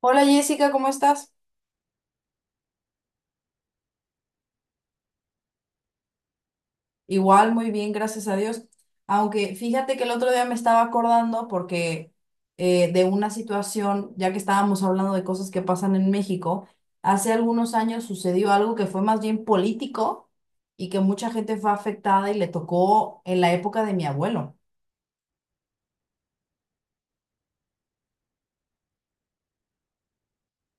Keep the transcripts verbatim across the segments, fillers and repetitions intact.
Hola Jessica, ¿cómo estás? Igual, muy bien, gracias a Dios. Aunque fíjate que el otro día me estaba acordando porque eh, de una situación, ya que estábamos hablando de cosas que pasan en México, hace algunos años sucedió algo que fue más bien político y que mucha gente fue afectada y le tocó en la época de mi abuelo.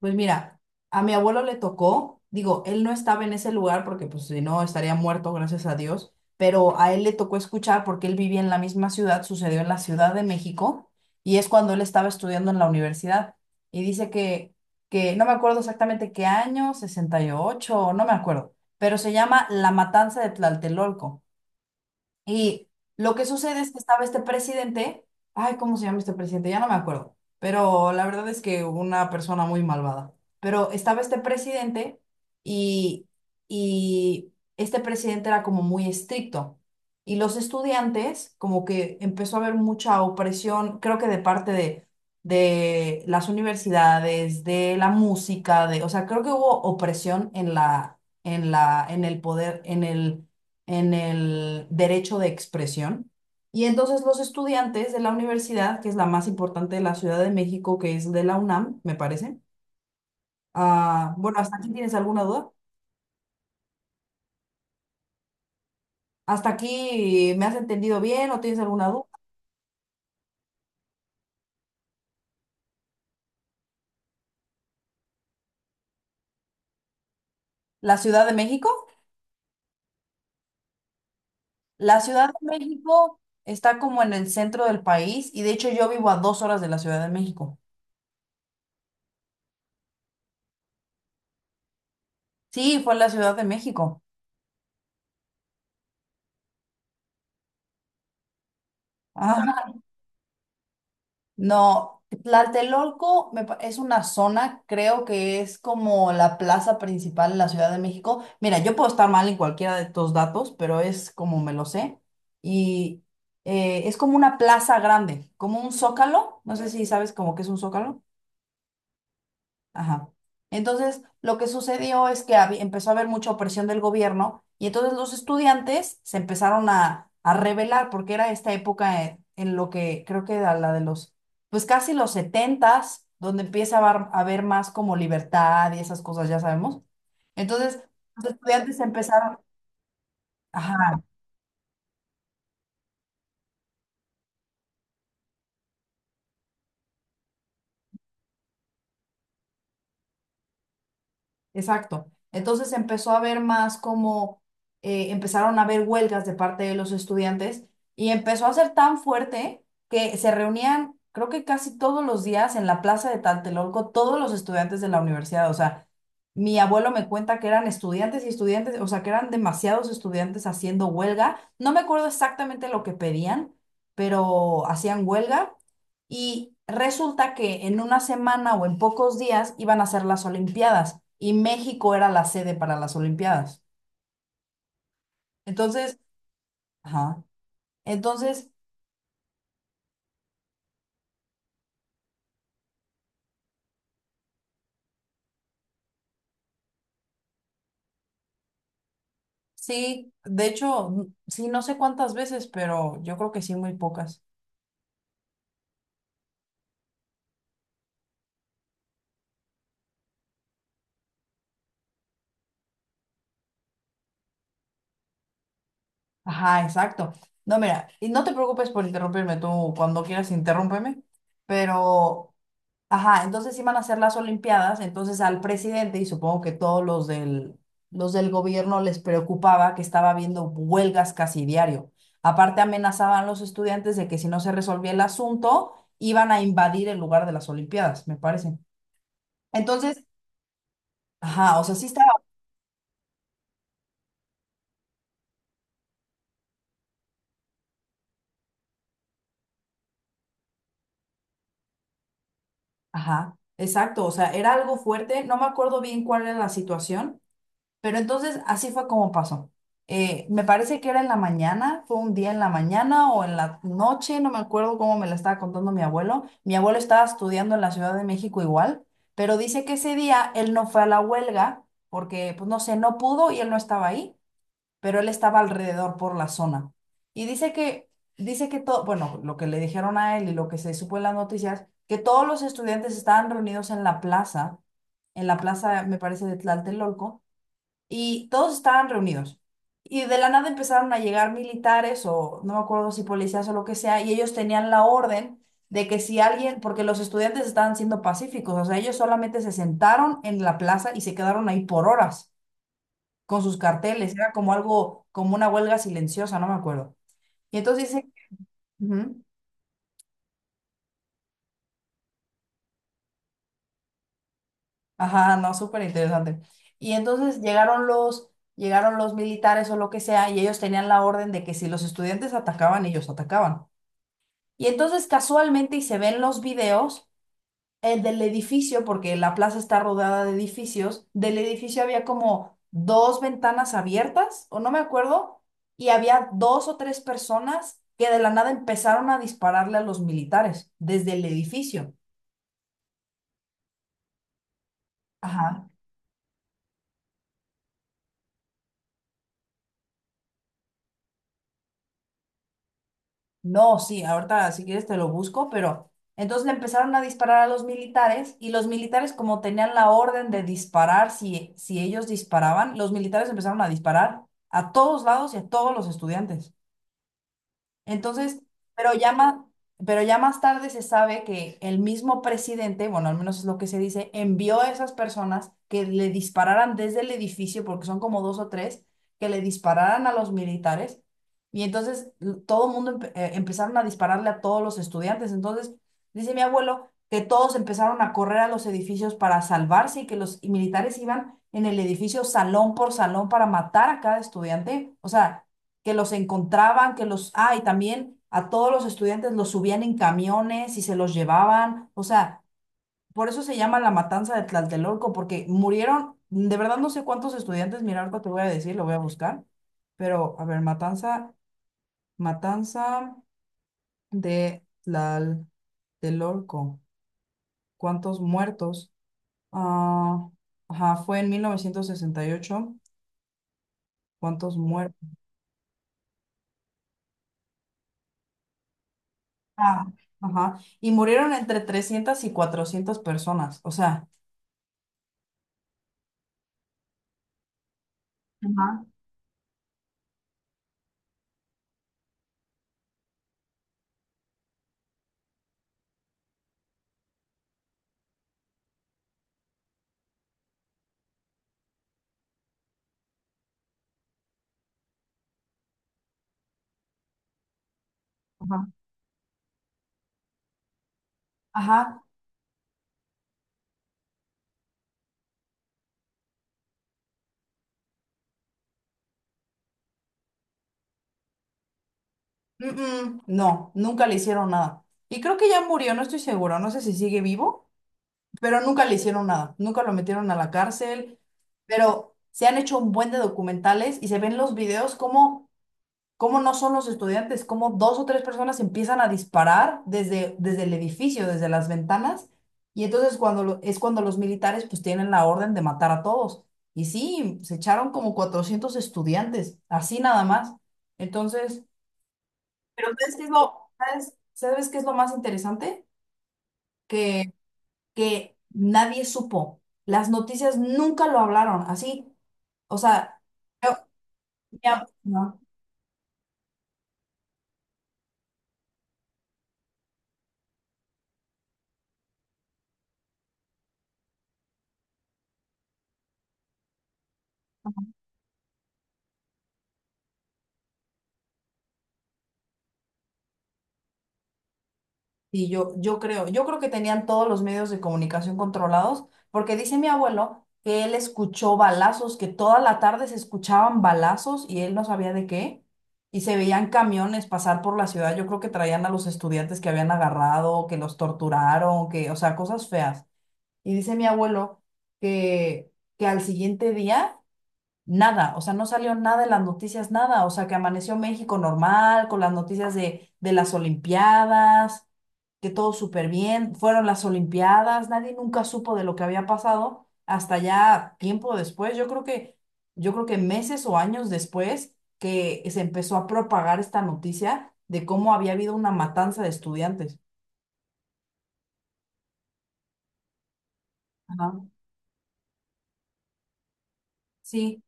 Pues mira, a mi abuelo le tocó, digo, él no estaba en ese lugar porque pues si no estaría muerto, gracias a Dios, pero a él le tocó escuchar porque él vivía en la misma ciudad, sucedió en la Ciudad de México y es cuando él estaba estudiando en la universidad y dice que, que no me acuerdo exactamente qué año, sesenta y ocho, no me acuerdo, pero se llama La Matanza de Tlaltelolco. Y lo que sucede es que estaba este presidente, ay, ¿cómo se llama este presidente? Ya no me acuerdo, pero la verdad es que una persona muy malvada. Pero estaba este presidente y, y este presidente era como muy estricto. Y los estudiantes, como que empezó a haber mucha opresión, creo que de parte de, de las universidades, de la música, de, o sea, creo que hubo opresión en la, en la, en el poder, en el en el derecho de expresión. Y entonces los estudiantes de la universidad, que es la más importante de la Ciudad de México, que es de la UNAM, me parece. Ah, bueno, ¿hasta aquí tienes alguna duda? ¿Hasta aquí me has entendido bien o tienes alguna duda? ¿La Ciudad de México? La Ciudad de México está como en el centro del país y de hecho yo vivo a dos horas de la Ciudad de México. Sí, fue en la Ciudad de México. Ah, no, Tlatelolco me pa- es una zona, creo que es como la plaza principal en la Ciudad de México. Mira, yo puedo estar mal en cualquiera de estos datos, pero es como me lo sé. Y eh, es como una plaza grande, como un zócalo. No sé si sabes como que es un zócalo. Ajá. Entonces, lo que sucedió es que había- empezó a haber mucha opresión del gobierno y entonces los estudiantes se empezaron a, a rebelar porque era esta época en, en lo que creo que era la de los, pues casi los setentas, donde empieza a haber, a haber más como libertad y esas cosas, ya sabemos. Entonces, los estudiantes empezaron, ajá, exacto. Entonces empezó a haber más como eh, empezaron a haber huelgas de parte de los estudiantes y empezó a ser tan fuerte que se reunían, creo que casi todos los días en la plaza de Tlatelolco, todos los estudiantes de la universidad. O sea, mi abuelo me cuenta que eran estudiantes y estudiantes, o sea, que eran demasiados estudiantes haciendo huelga. No me acuerdo exactamente lo que pedían, pero hacían huelga y resulta que en una semana o en pocos días iban a ser las Olimpiadas y México era la sede para las Olimpiadas. Entonces, ajá. Entonces, sí, de hecho, sí, no sé cuántas veces, pero yo creo que sí, muy pocas. Ajá, exacto. No, mira, y no te preocupes por interrumpirme tú, cuando quieras interrúmpeme, pero, ajá, entonces iban a hacer las Olimpiadas, entonces al presidente y supongo que todos los del, los del gobierno les preocupaba que estaba habiendo huelgas casi diario. Aparte amenazaban a los estudiantes de que si no se resolvía el asunto, iban a invadir el lugar de las Olimpiadas, me parece. Entonces, ajá, o sea, sí estaba, ajá, exacto, o sea, era algo fuerte, no me acuerdo bien cuál era la situación. Pero entonces así fue como pasó. Eh, me parece que era en la mañana, fue un día en la mañana o en la noche, no me acuerdo cómo me la estaba contando mi abuelo. Mi abuelo estaba estudiando en la Ciudad de México igual, pero dice que ese día él no fue a la huelga porque, pues no sé, no pudo y él no estaba ahí, pero él estaba alrededor por la zona. Y dice que, dice que todo, bueno, lo que le dijeron a él y lo que se supo en las noticias, que todos los estudiantes estaban reunidos en la plaza, en la plaza, me parece, de Tlatelolco y todos estaban reunidos. Y de la nada empezaron a llegar militares o no me acuerdo si policías o lo que sea, y ellos tenían la orden de que si alguien, porque los estudiantes estaban siendo pacíficos, o sea, ellos solamente se sentaron en la plaza y se quedaron ahí por horas con sus carteles, era como algo, como una huelga silenciosa, no me acuerdo. Y entonces dice, ujú, ajá, no, súper interesante. Y entonces llegaron los, llegaron los militares o lo que sea, y ellos tenían la orden de que si los estudiantes atacaban, ellos atacaban. Y entonces casualmente, y se ven los videos, el del edificio, porque la plaza está rodeada de edificios, del edificio había como dos ventanas abiertas, o no me acuerdo, y había dos o tres personas que de la nada empezaron a dispararle a los militares desde el edificio. Ajá. No, sí, ahorita si quieres te lo busco, pero entonces le empezaron a disparar a los militares y los militares como tenían la orden de disparar si, si ellos disparaban, los militares empezaron a disparar a todos lados y a todos los estudiantes. Entonces, pero ya más, pero ya más tarde se sabe que el mismo presidente, bueno, al menos es lo que se dice, envió a esas personas que le dispararan desde el edificio, porque son como dos o tres, que le dispararan a los militares. Y entonces l- todo el mundo empe- eh, empezaron a dispararle a todos los estudiantes. Entonces, dice mi abuelo que todos empezaron a correr a los edificios para salvarse y que los militares iban en el edificio salón por salón para matar a cada estudiante. O sea, que los encontraban, que los, ah, y también a todos los estudiantes los subían en camiones y se los llevaban, o sea, por eso se llama la matanza de Tlatelolco, porque murieron, de verdad no sé cuántos estudiantes, mira, ahorita te voy a decir, lo voy a buscar, pero a ver, matanza, matanza de Tlatelolco, ¿cuántos muertos? Ah, ajá, fue en mil novecientos sesenta y ocho, ¿cuántos muertos? Ah, ajá. Y murieron entre trescientas y cuatrocientas personas. O sea, ajá, ajá, ajá. Mm, mm, no, nunca le hicieron nada. Y creo que ya murió, no estoy seguro, no sé si sigue vivo, pero nunca le hicieron nada. Nunca lo metieron a la cárcel, pero se han hecho un buen de documentales y se ven los videos como cómo no son los estudiantes, cómo dos o tres personas empiezan a disparar desde, desde el edificio, desde las ventanas, y entonces cuando lo- es cuando los militares pues tienen la orden de matar a todos. Y sí, se echaron como cuatrocientos estudiantes, así nada más. Entonces, pero ¿sabes qué es lo, sabes, sabes qué es lo más interesante? Que, que nadie supo. Las noticias nunca lo hablaron, así. O sea, yo, mi, am- ¿no? Y yo, yo creo, yo creo que tenían todos los medios de comunicación controlados, porque dice mi abuelo que él escuchó balazos, que toda la tarde se escuchaban balazos y él no sabía de qué, y se veían camiones pasar por la ciudad. Yo creo que traían a los estudiantes que habían agarrado, que los torturaron, que, o sea, cosas feas. Y dice mi abuelo que, que al siguiente día nada, o sea, no salió nada en las noticias, nada, o sea, que amaneció México normal, con las noticias de, de las Olimpiadas, que todo súper bien, fueron las Olimpiadas, nadie nunca supo de lo que había pasado hasta ya tiempo después, yo creo que, yo creo que meses o años después que se empezó a propagar esta noticia de cómo había habido una matanza de estudiantes. Ajá. Sí,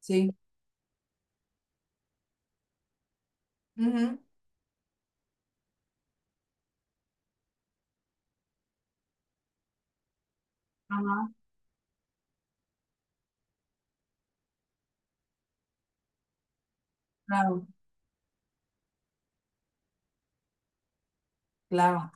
sí. Ujú, ajá, claro, claro.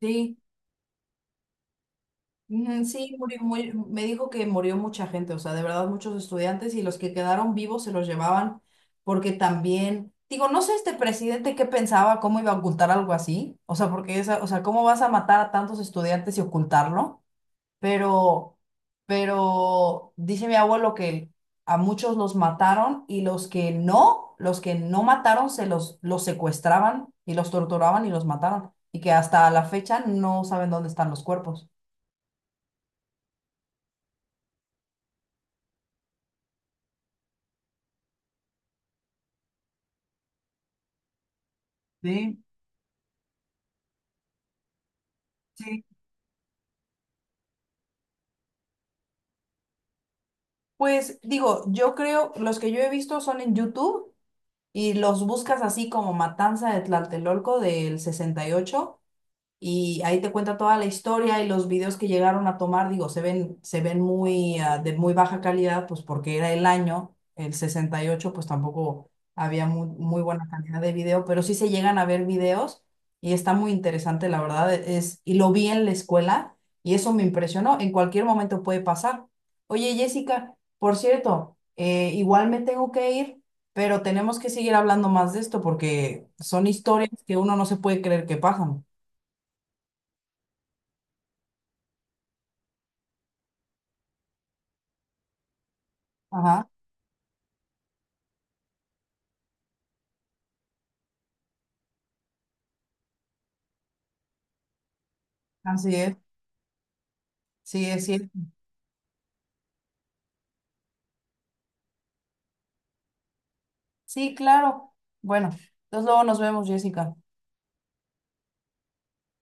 Sí. Ujú, sí, murió muy- me dijo que murió mucha gente, o sea, de verdad muchos estudiantes y los que quedaron vivos se los llevaban porque también, digo, no sé este presidente qué pensaba, cómo iba a ocultar algo así, o sea, porque esa, o sea, cómo vas a matar a tantos estudiantes y ocultarlo, pero, pero dice mi abuelo que a muchos los mataron y los que no, los que no mataron se los, los secuestraban y los torturaban y los mataron y que hasta la fecha no saben dónde están los cuerpos. Sí, sí, pues digo, yo creo, los que yo he visto son en YouTube y los buscas así como Matanza de Tlatelolco del sesenta y ocho y ahí te cuenta toda la historia y los videos que llegaron a tomar, digo, se ven, se ven muy, ah, de muy baja calidad, pues porque era el año, el sesenta y ocho pues tampoco había muy, muy buena calidad de video, pero sí se llegan a ver videos y está muy interesante, la verdad, e, es, y lo vi en la escuela y eso me impresionó, en cualquier momento puede pasar. Oye, Jessica, por cierto, eh, igual me tengo que ir, pero tenemos que seguir hablando más de esto porque son historias que uno no se puede creer que pasan. Ajá. Así es, sí, es cierto. Sí, claro. Bueno, entonces luego nos vemos, Jessica.